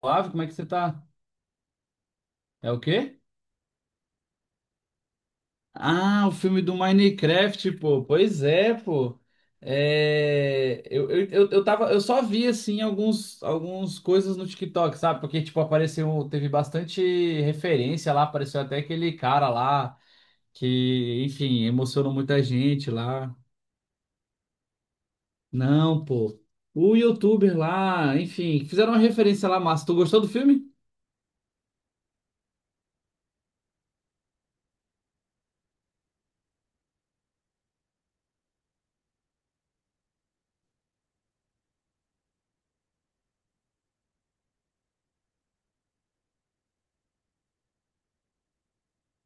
Flávio, como é que você tá? É o quê? Ah, o filme do Minecraft, pô. Pois é, pô. É, eu tava, eu só vi, assim, alguns coisas no TikTok, sabe? Porque, tipo, apareceu, teve bastante referência lá, apareceu até aquele cara lá que, enfim, emocionou muita gente lá. Não, pô. O youtuber lá, enfim, fizeram uma referência lá, massa. Tu gostou do filme?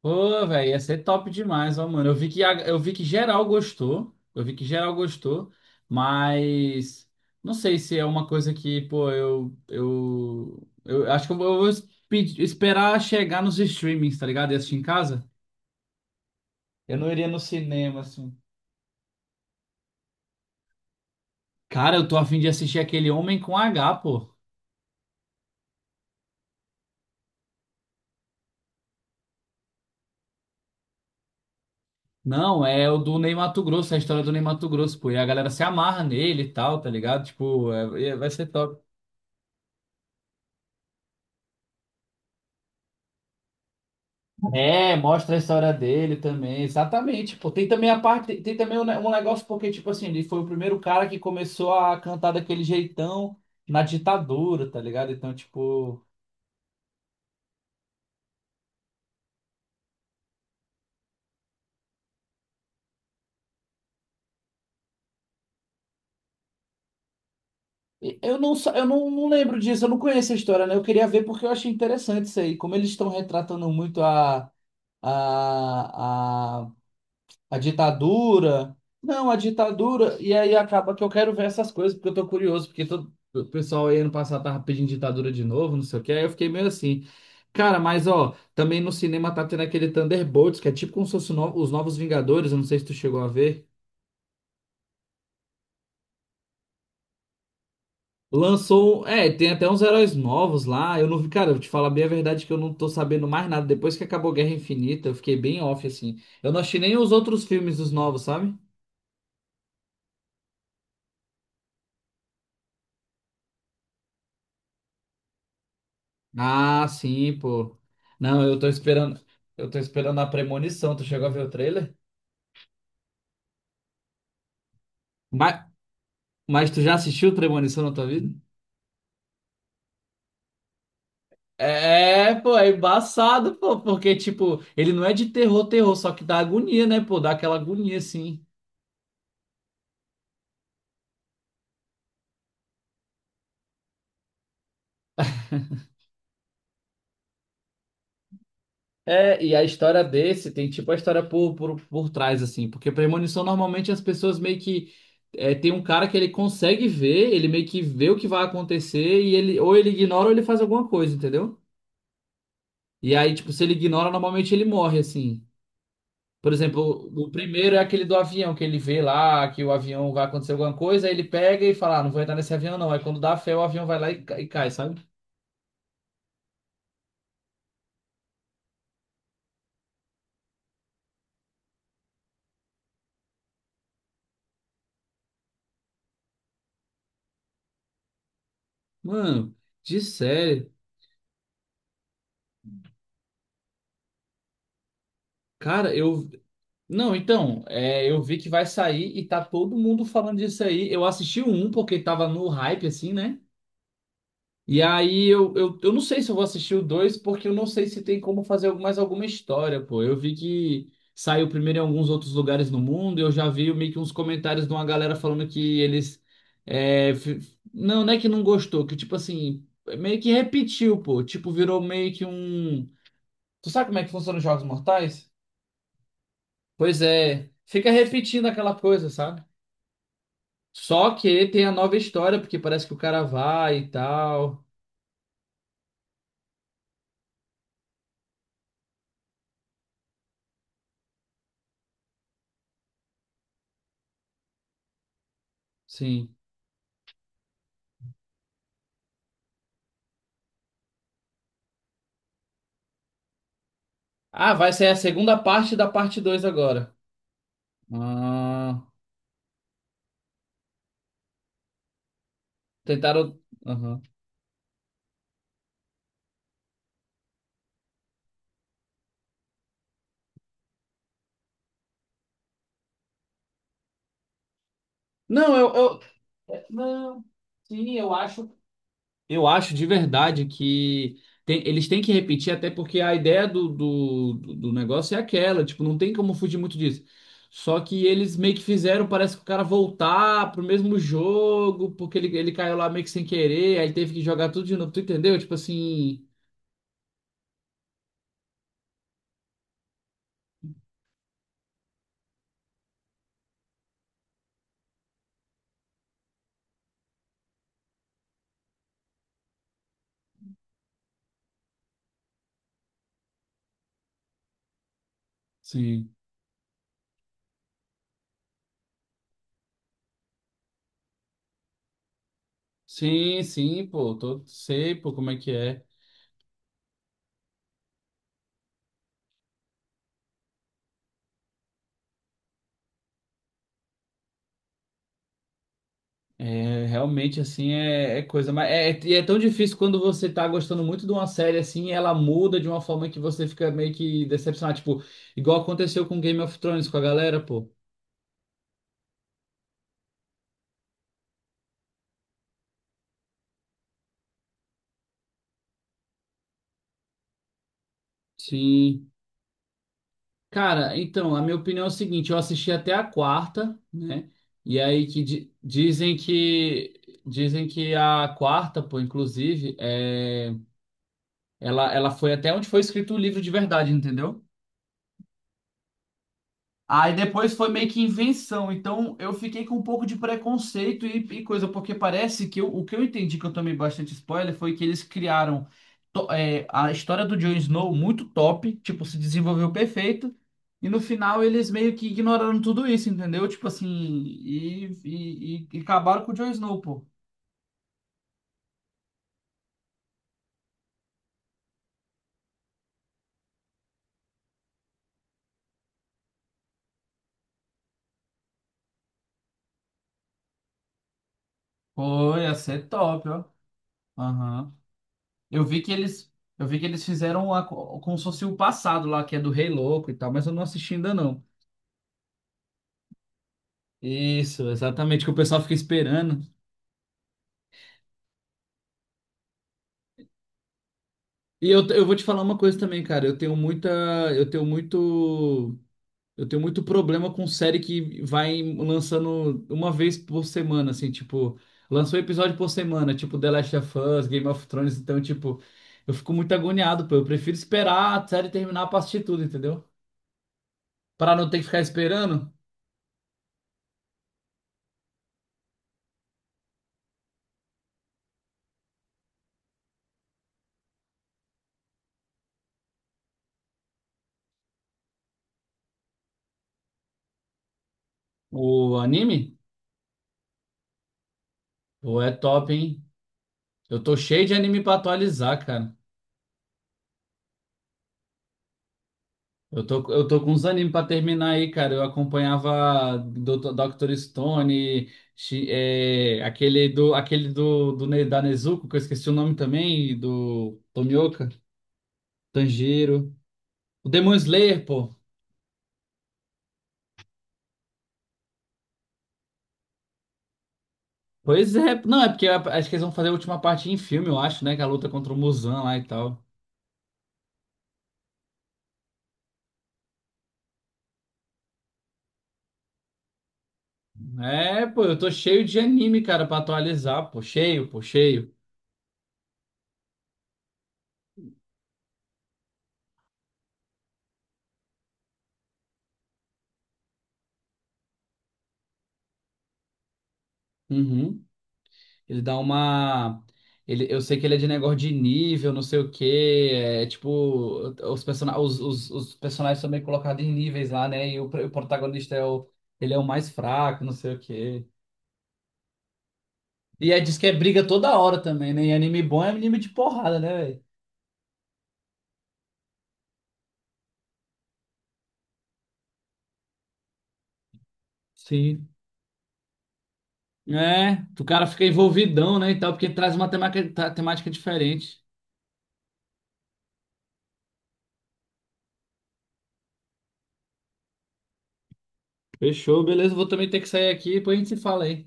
Pô, velho, ia ser top demais, ó, mano. Eu vi que, eu vi que geral gostou. Eu vi que geral gostou, mas não sei se é uma coisa que, pô, eu acho que eu vou esperar chegar nos streamings, tá ligado? E assistir em casa. Eu não iria no cinema, assim. Cara, eu tô a fim de assistir aquele Homem com H, pô. Não, é o do Ney Matogrosso, é a história do Ney Matogrosso, pô. E a galera se amarra nele e tal, tá ligado? Tipo, vai ser top. É, mostra a história dele também, exatamente. Pô, tem também a parte, tem também um, um negócio porque tipo assim, ele foi o primeiro cara que começou a cantar daquele jeitão na ditadura, tá ligado? Então, tipo, eu não, não lembro disso, eu não conheço a história, né? Eu queria ver porque eu achei interessante isso aí, como eles estão retratando muito a, a ditadura. Não, a ditadura. E aí acaba que eu quero ver essas coisas, porque eu tô curioso, porque o pessoal aí ano passado tava pedindo ditadura de novo, não sei o que. Aí eu fiquei meio assim. Cara, mas ó, também no cinema tá tendo aquele Thunderbolts, que é tipo como se fosse o no- os Novos Vingadores, eu não sei se tu chegou a ver. Lançou. É, tem até uns heróis novos lá. Eu não vi, cara, eu vou te falar bem a verdade que eu não tô sabendo mais nada. Depois que acabou Guerra Infinita, eu fiquei bem off, assim. Eu não achei nem os outros filmes dos novos, sabe? Ah, sim, pô. Não, eu tô esperando. Eu tô esperando a Premonição. Tu chegou a ver o trailer? Mas, mas tu já assistiu Premonição na tua vida? É, pô, é embaçado, pô, porque, tipo, ele não é de terror, terror, só que dá agonia, né, pô, dá aquela agonia, assim. É, e a história desse tem, tipo, a história por trás, assim, porque premonição, normalmente, as pessoas meio que, é, tem um cara que ele consegue ver, ele meio que vê o que vai acontecer, e ele, ou ele ignora ou ele faz alguma coisa, entendeu? E aí, tipo, se ele ignora, normalmente ele morre, assim. Por exemplo, o primeiro é aquele do avião, que ele vê lá que o avião vai acontecer alguma coisa, aí ele pega e fala, ah, não vou entrar nesse avião não. Aí quando dá fé, o avião vai lá e e cai, sabe? Mano, de sério. Cara, eu... Não, então, é, eu vi que vai sair e tá todo mundo falando disso aí. Eu assisti o um, porque tava no hype, assim, né? E aí eu não sei se eu vou assistir o 2 porque eu não sei se tem como fazer mais alguma história, pô. Eu vi que saiu primeiro em alguns outros lugares no mundo, e eu já vi meio que uns comentários de uma galera falando que eles. é, f- não, não é que não gostou, que tipo assim, meio que repetiu, pô. Tipo, virou meio que um. Tu sabe como é que funciona os Jogos Mortais? Pois é, fica repetindo aquela coisa, sabe? Só que tem a nova história, porque parece que o cara vai e tal. Sim. Ah, vai ser a segunda parte da parte 2 agora. Ah, tentaram. Aham. Não, eu, eu. É, Não, sim, eu acho. Eu acho de verdade que eles têm que repetir, até porque a ideia do negócio é aquela, tipo, não tem como fugir muito disso. Só que eles meio que fizeram, parece que o cara voltar pro mesmo jogo, porque ele caiu lá meio que sem querer, aí teve que jogar tudo de novo, tu entendeu? Tipo assim. Sim. Sim, sim, pô, tô, sei, pô, como é que é. É, realmente, assim, é, é coisa. Mas é tão difícil quando você tá gostando muito de uma série, assim, e ela muda de uma forma que você fica meio que decepcionado. Tipo, igual aconteceu com Game of Thrones com a galera, pô. Sim. Cara, então, a minha opinião é o seguinte: eu assisti até a quarta, né? E aí que dizem que. Dizem que a quarta, pô, inclusive, é, ela foi até onde foi escrito o livro de verdade, entendeu? Aí depois foi meio que invenção, então eu fiquei com um pouco de preconceito e coisa, porque parece que o que eu entendi que eu tomei bastante spoiler foi que eles criaram a história do Jon Snow muito top, tipo, se desenvolveu perfeito, e no final eles meio que ignoraram tudo isso, entendeu? Tipo assim, e acabaram com o Jon Snow, pô. Pô, ia ser top, ó. Aham. Eu vi que eles, eu vi que eles fizeram a, como se fosse o passado lá, que é do Rei Louco e tal, mas eu não assisti ainda não. Isso, exatamente, que o pessoal fica esperando. E eu vou te falar uma coisa também, cara. Eu tenho muita. Eu tenho muito. Eu tenho muito problema com série que vai lançando uma vez por semana, assim, tipo, lançou episódio por semana, tipo The Last of Us, Game of Thrones, então, tipo, eu fico muito agoniado, pô. Eu prefiro esperar a série terminar pra assistir tudo, entendeu? Pra não ter que ficar esperando o anime, pô, é top, hein? Eu tô cheio de anime pra atualizar, cara. Eu tô com uns animes pra terminar aí, cara. Eu acompanhava Dr. Stone, aquele do, da Nezuko, que eu esqueci o nome também, e do Tomioka, Tanjiro. O Demon Slayer, pô. Pois é, não, é porque acho que eles vão fazer a última parte em filme, eu acho, né? Que é a luta contra o Muzan lá e tal. É, pô, eu tô cheio de anime, cara, pra atualizar, pô. Cheio, pô, cheio. Uhum. Ele dá uma. Ele, eu sei que ele é de negócio de nível, não sei o quê. É tipo, os personagens são meio colocados em níveis lá, né? E o, o protagonista é o. Ele é o mais fraco, não sei o quê. E é, diz que é briga toda hora também, né? E anime bom é anime de porrada, né, velho? Sim. É, o cara fica envolvidão, né, e tal, porque traz uma temática, temática diferente. Fechou, beleza, vou também ter que sair aqui, depois a gente se fala aí.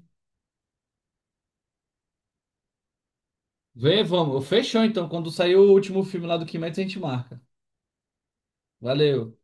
Vê, vamos. Fechou então, quando sair o último filme lá do Kimetsu, a gente marca. Valeu.